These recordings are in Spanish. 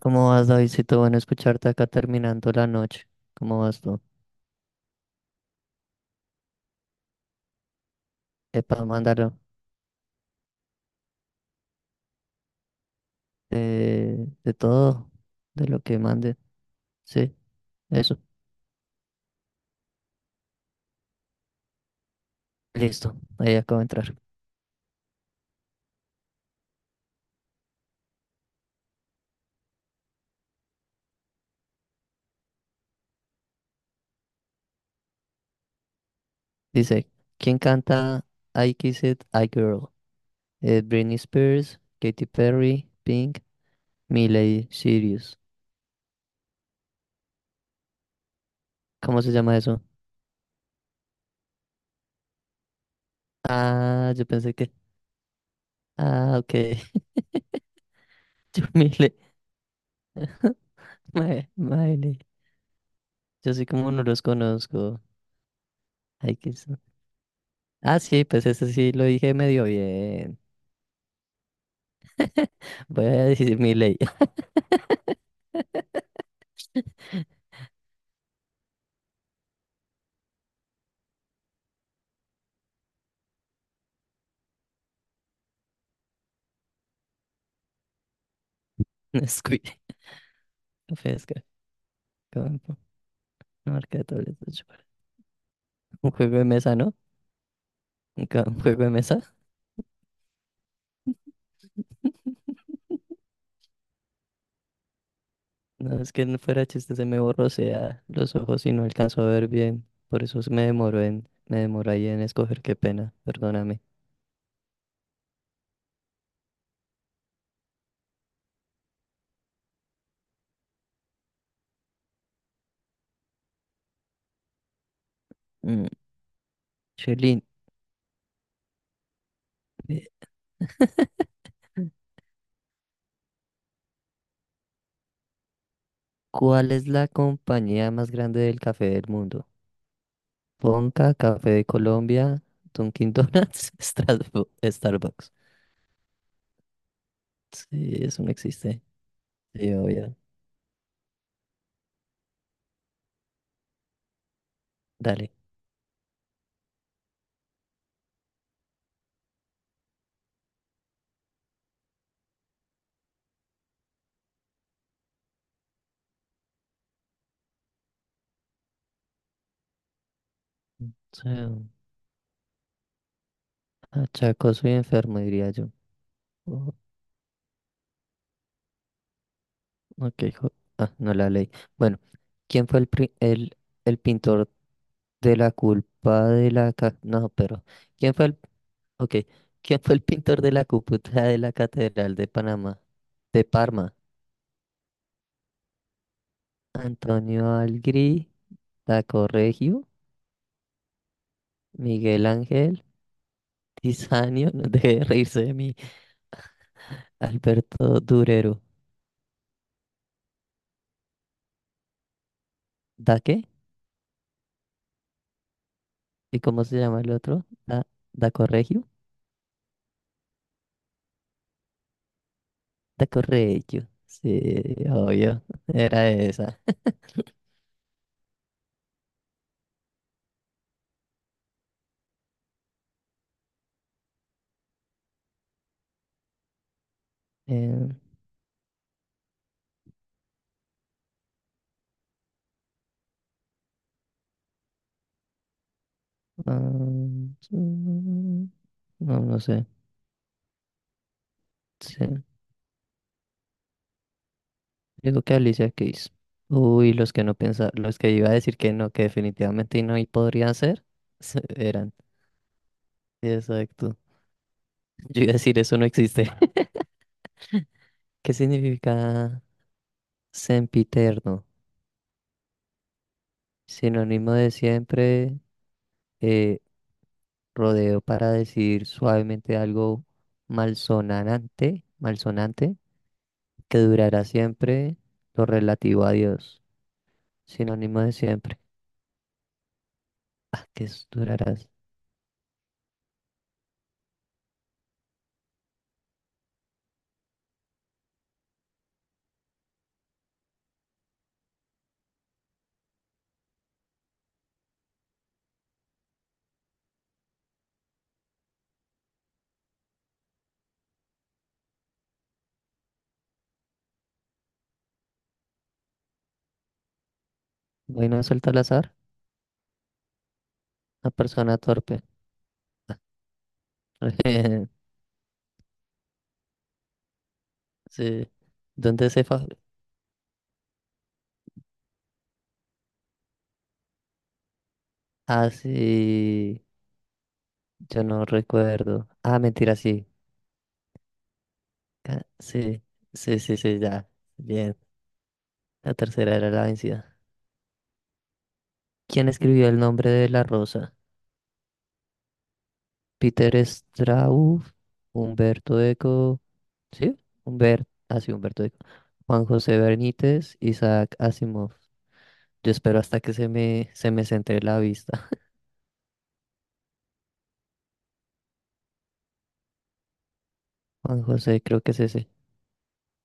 ¿Cómo vas, Davidcito? Bueno, escucharte acá terminando la noche. ¿Cómo vas tú? Epa, mándalo. De todo, de lo que mande. Sí, eso. Listo, ahí acabo de entrar. Dice, ¿quién canta I Kiss It, I Girl? Britney Spears, Katy Perry, Pink, Miley Cyrus. ¿Cómo se llama eso? Ah, yo pensé que... Ah, ok. Yo Miley. Miley. Yo sí como no los conozco. I Kiss. Ah, sí, pues ese sí lo dije medio bien. Voy a decir mi ley. Squid, pesca, campo, marca, de tableta, chupa. Un juego de mesa, ¿no? Un juego de mesa. No, es que no fuera chiste, se me borrosea los ojos y no alcanzo a ver bien. Por eso me demoró ahí en escoger, qué pena, perdóname. Mm, Sherlyn, eh, ¿cuál es la compañía más grande del café del mundo? Ponca, Café de Colombia, Dunkin' Donuts, Starbucks. Sí, eso no existe. Sí, obvio. Dale. O sea, achacoso soy enfermo, diría yo. Oh, ok, ah, no la leí. Bueno, ¿quién fue el pintor de la culpa de la... ca- No, pero... ¿Quién fue el... Ok, ¿quién fue el pintor de la cúpula de la Catedral de Panamá? De Parma. Antonio Algri, Corregio, Miguel Ángel, Tiziano, no deje de reírse de mí, Alberto Durero. ¿Da qué? ¿Y cómo se llama el otro? Da, da Corregio. Da Corregio. Sí, obvio. Era esa. Eh, ah, mm, no, no sé. Sí. Digo que Alicia Keys. Uy, los que no pensaba, los que iba a decir que no, que definitivamente no y podrían ser, eran. Exacto. Yo iba a decir eso no existe. ¿Qué significa sempiterno? Sinónimo de siempre, eh, Rodeo para decir suavemente algo malsonante, que durará siempre lo relativo a Dios, sinónimo de siempre. Ah, que durarás. Bueno, a soltar al azar, una persona torpe. Sí. ¿Dónde se fa? Ah, sí. Yo no recuerdo. Ah, mentira, sí. Sí, sí, sí, sí, ya. Bien. La tercera era la vencida. ¿Quién escribió el nombre de la rosa? Peter Straub, Humberto Eco, ¿sí? Humberto, así Humberto Eco, Juan José Benítez, Isaac Asimov. Yo espero hasta que se me centre la vista. Juan José, creo que es ese.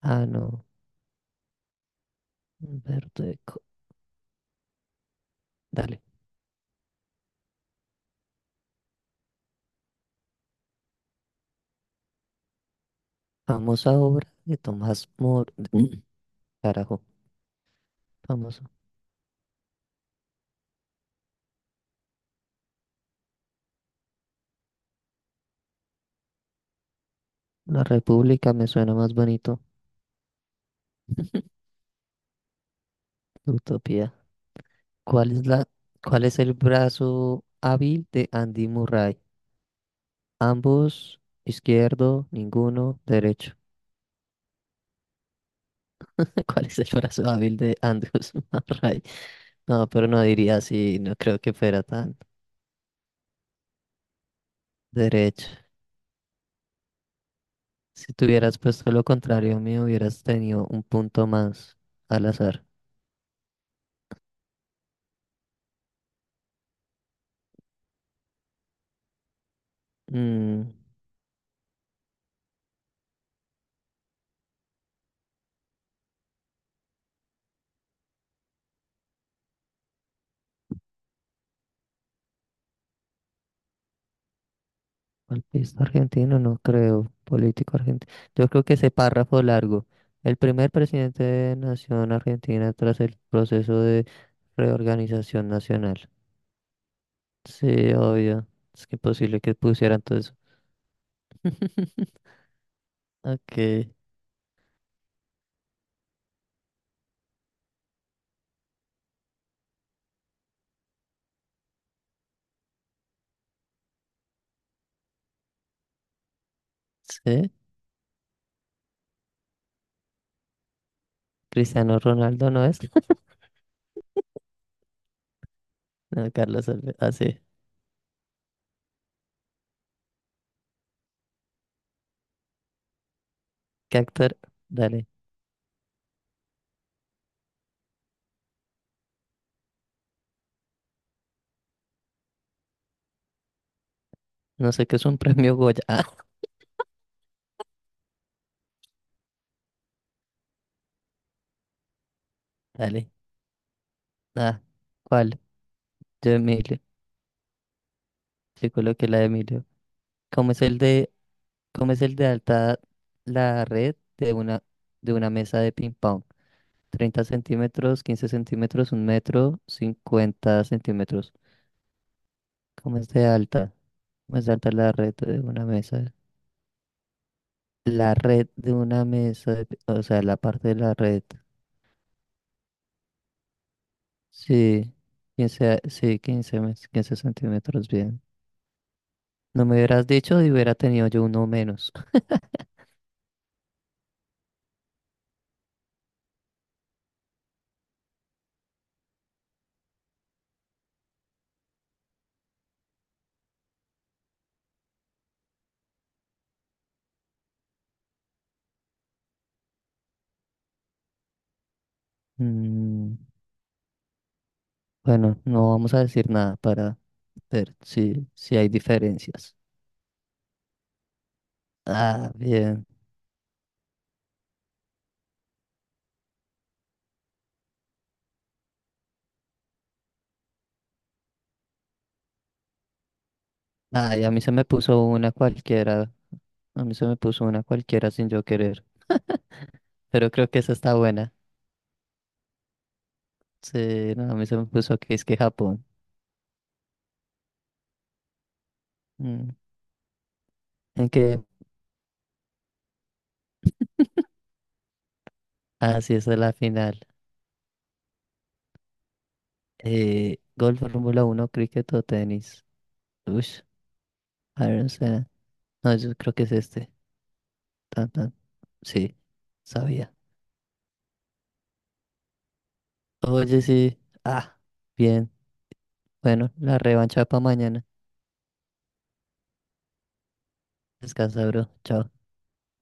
Ah, no, Humberto Eco. Dale. Famosa obra de Tomás Moro. Carajo, famoso. La República me suena más bonito. Utopía. ¿Cuál es la, cuál es el brazo hábil de Andy Murray? Ambos, izquierdo, ninguno, derecho. ¿Cuál es el brazo hábil de Andrews Murray? No, pero no diría así, no creo que fuera tan derecho. Si te hubieras puesto lo contrario mío, hubieras tenido un punto más al azar. Mm, golpista argentino, no creo. Político argentino. Yo creo que ese párrafo largo. El primer presidente de Nación Argentina tras el proceso de reorganización nacional. Sí, obvio. Es que imposible que pusieran todo eso. Ok. Sí. Cristiano Ronaldo no es. No, Carlos Ah, sí. ¿Qué actor? Dale. No sé qué es un premio Goya. Ah, dale. Ah, ¿cuál? Yo Emilio. Yo coloqué la de Emilio. ¿Cómo es el de, cómo es el de alta la red de una mesa de ping pong? 30 cm, 15 cm, 1 m, 50 cm. ¿Cómo es de alta? ¿Cómo es de alta la red de una mesa? La red de una mesa, o sea, la parte de la red. Sí, 15, sí, 15 cm, bien. No me hubieras dicho y hubiera tenido yo uno menos. Mm, bueno, no vamos a decir nada para ver si hay diferencias. Ah, bien. Ay, a mí se me puso una cualquiera. A mí se me puso una cualquiera sin yo querer. Pero creo que esa está buena. Sí, no, a mí se me puso que es que Japón. Mm, ¿En qué? Ah, sí, esa es la final. Golf, Fórmula 1 cricket o tenis. Uy, a ver, o sea, no, yo creo que es este. Tan, tan. Sí, sabía. Oye, sí. Ah, bien. Bueno, la revancha para mañana. Descansa, bro. Chao.